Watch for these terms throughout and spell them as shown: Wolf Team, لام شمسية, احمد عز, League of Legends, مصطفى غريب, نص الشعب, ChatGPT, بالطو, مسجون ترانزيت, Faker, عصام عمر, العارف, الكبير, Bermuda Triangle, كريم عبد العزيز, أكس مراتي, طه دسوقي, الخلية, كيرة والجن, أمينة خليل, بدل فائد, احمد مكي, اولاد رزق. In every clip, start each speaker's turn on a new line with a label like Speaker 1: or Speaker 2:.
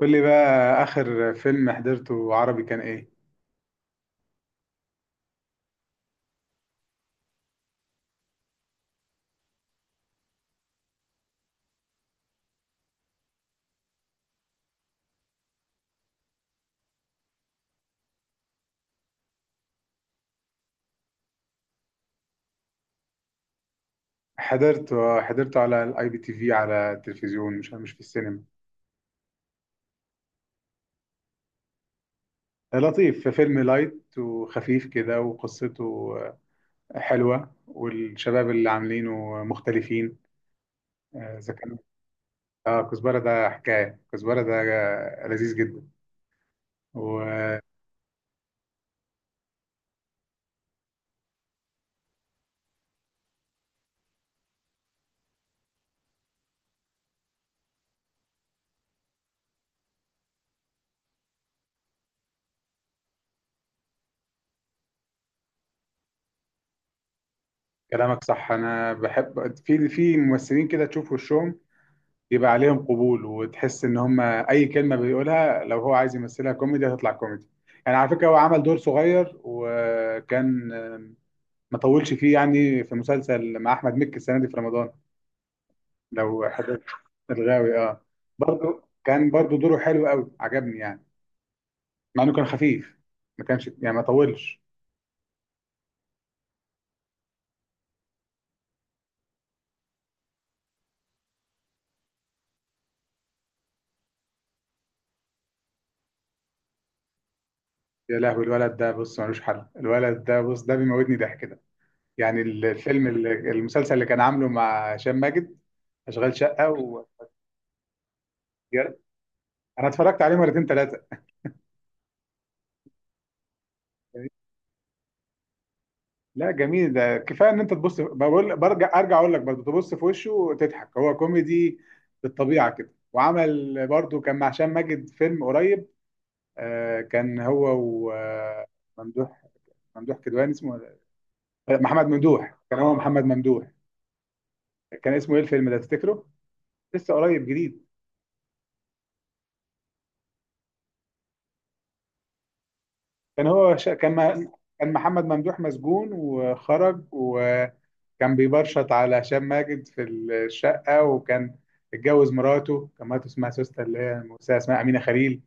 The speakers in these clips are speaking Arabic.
Speaker 1: قول لي بقى آخر فيلم حضرته عربي كان إيه؟ حضرته على الـIPTV، على التلفزيون، مش في السينما. لطيف، في فيلم لايت وخفيف كده، وقصته حلوة، والشباب اللي عاملينه مختلفين. آه، إذا كان آه، كزبرة ده، حكاية كزبرة ده لذيذ جدا. وكلامك صح. أنا بحب في ممثلين كده تشوف وشهم يبقى عليهم قبول، وتحس ان هم اي كلمه بيقولها لو هو عايز يمثلها كوميدي هتطلع كوميدي. يعني على فكره هو عمل دور صغير، وكان ما طولش فيه، يعني في مسلسل مع احمد مكي السنه دي في رمضان، لو حضرت. الغاوي، اه. برضه كان برضه دوره حلو قوي، عجبني يعني، مع انه كان خفيف، ما كانش يعني ما طولش. يا لهوي، الولد ده بص ملوش حل، الولد ده بص، ده بيموتني ضحك ده. يعني المسلسل اللي كان عامله مع هشام ماجد، اشغال شقه. انا اتفرجت عليه مرتين ثلاثه. لا، جميل، ده كفايه ان انت تبص، بقول برجع ارجع اقول لك، برضه تبص في وشه وتضحك، هو كوميدي بالطبيعه كده. وعمل برضه، كان مع هشام ماجد فيلم قريب، آه، كان هو وممدوح. ممدوح كدواني اسمه آه، محمد ممدوح. كان هو محمد ممدوح. كان اسمه ايه الفيلم ده تفتكره؟ لسه قريب جديد. كان هو ش... كان م... كان محمد ممدوح مسجون وخرج، وكان بيبرشط على هشام ماجد في الشقة، وكان اتجوز مراته. كان مراته اسمها سوسته، اللي هي الممثلة اسمها أمينة خليل.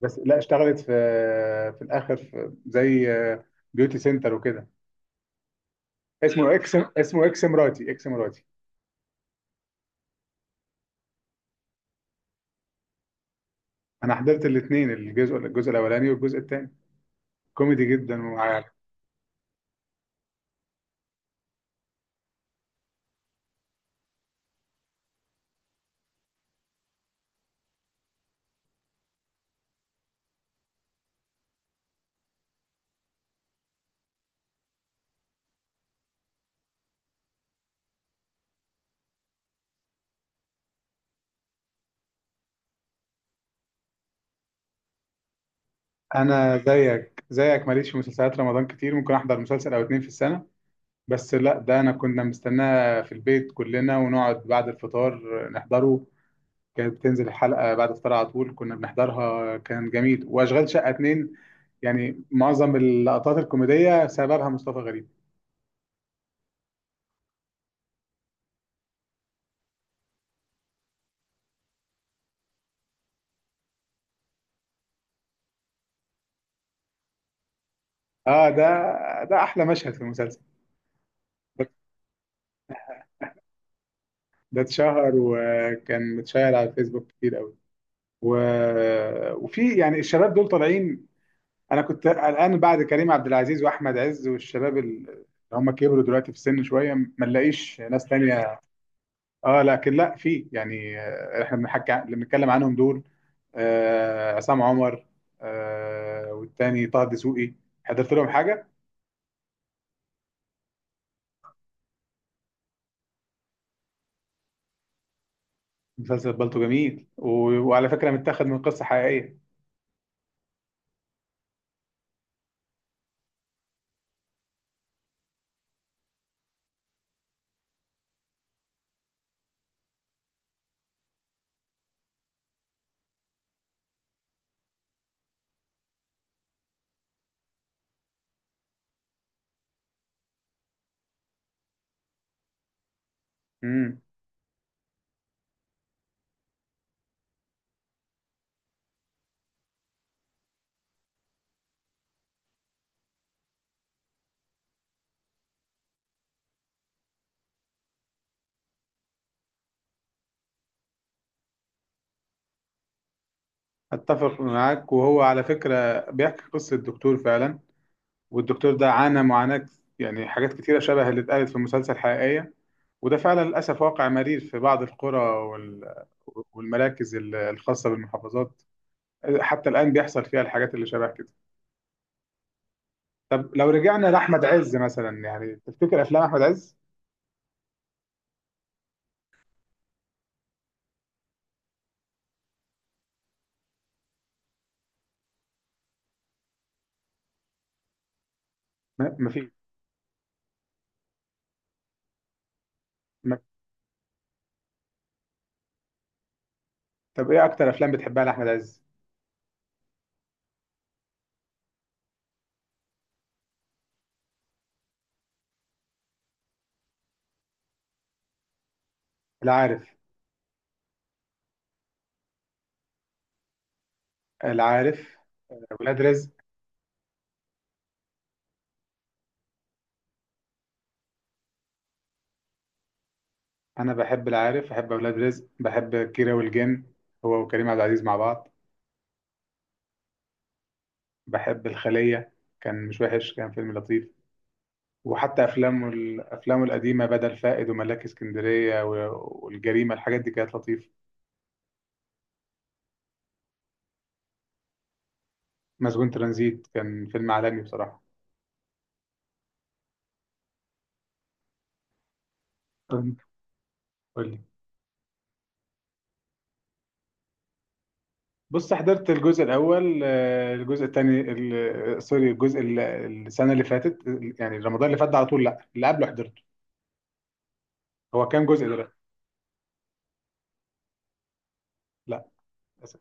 Speaker 1: بس لا، اشتغلت في الآخر في زي بيوتي سنتر وكده. اسمه اكس، اسمه اكس مراتي، اكس مراتي. انا حضرت الاثنين، الجزء الاولاني والجزء الثاني، كوميدي جدا ومعاك. انا زيك زيك ماليش في مسلسلات رمضان كتير، ممكن احضر مسلسل او اتنين في السنة. بس لا، ده انا كنا مستناه في البيت كلنا، ونقعد بعد الفطار نحضره. كانت بتنزل الحلقة بعد الفطار على طول، كنا بنحضرها، كان جميل. واشغال شقة اتنين يعني معظم اللقطات الكوميدية سببها مصطفى غريب. اه، ده احلى مشهد في المسلسل. ده ده اتشهر وكان متشاهر على الفيسبوك كتير قوي. و... وفي يعني الشباب دول طالعين. انا كنت قلقان بعد كريم عبد العزيز واحمد عز والشباب اللي هم كبروا دلوقتي في السن شوية، ما نلاقيش ناس تانية. اه، لكن لا، في يعني، احنا بنحكي اللي بنتكلم عنهم دول، عصام عمر، والتاني طه دسوقي. حضرت لهم حاجه؟ مسلسل بالطو جميل، و- وعلى فكره متاخد من قصه حقيقيه. امم. اتفق معاك. وهو على فكره بيحكي قصه الدكتور فعلا، والدكتور ده عانى معاناه، يعني حاجات كتيره شبه اللي اتقالت في المسلسل حقيقيه. وده فعلا للاسف واقع مرير في بعض القرى والمراكز الخاصه بالمحافظات، حتى الآن بيحصل فيها الحاجات اللي شبه كده. طب لو رجعنا لاحمد عز مثلا، يعني تفتكر افلام احمد عز ما ما في ما طب ايه اكتر افلام بتحبها لاحمد عز؟ العارف. العارف، ولاد رزق. انا بحب العارف، بحب اولاد رزق، بحب كيرة والجن هو وكريم عبد العزيز مع بعض. بحب الخلية، كان مش وحش، كان فيلم لطيف. وحتى افلامه القديمه، بدل فائد وملاك اسكندريه و- والجريمه، الحاجات دي كانت لطيفه. مسجون ترانزيت كان فيلم عالمي بصراحه. قول. بص، حضرت الجزء الاول. آه، الجزء الثاني سوري، الجزء السنه اللي فاتت، يعني رمضان اللي فات ده على طول. لا، اللي قبله حضرته. هو كام جزء ده بقى؟ لا، للأسف.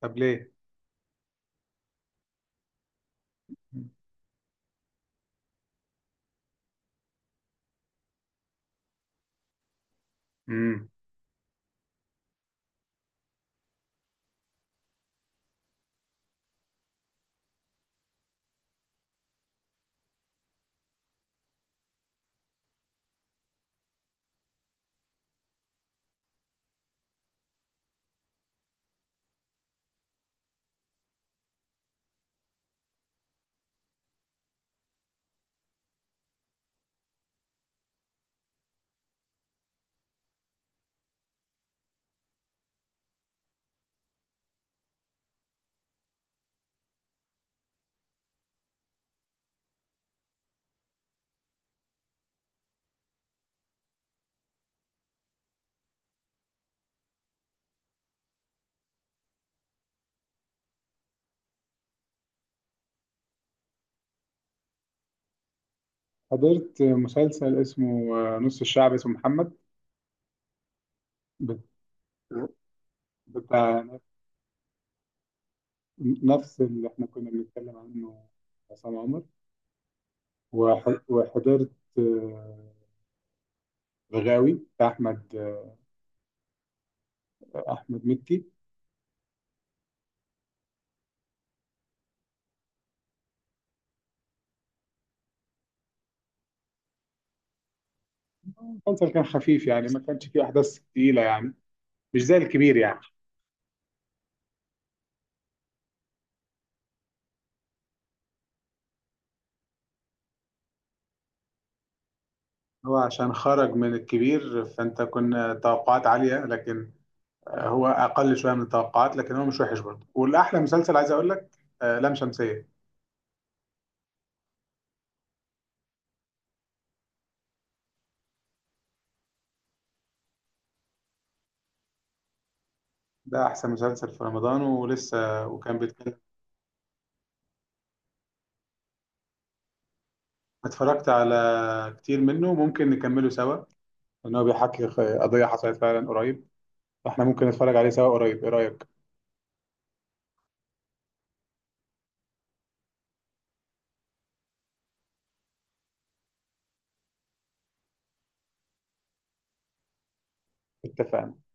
Speaker 1: طب ليه؟ امم. حضرت مسلسل اسمه نص الشعب اسمه محمد، بت- بتاع نفس اللي احنا كنا بنتكلم عنه، عصام عمر. وحضرت آه، غاوي بتاع احمد، احمد مكي. المسلسل كان خفيف، يعني ما كانش فيه احداث تقيله يعني، مش زي الكبير يعني. هو عشان خرج من الكبير فانت كنا توقعات عالية، لكن هو اقل شوية من التوقعات، لكن هو مش وحش برضه. والاحلى مسلسل عايز اقول لك، لام شمسية. ده احسن مسلسل في رمضان ولسه وكان بيتكلم. اتفرجت على كتير منه، ممكن نكمله سوا، لان هو بيحكي قضية حصلت فعلا قريب. فاحنا ممكن نتفرج عليه سوا قريب. ايه رأيك؟ اتفقنا.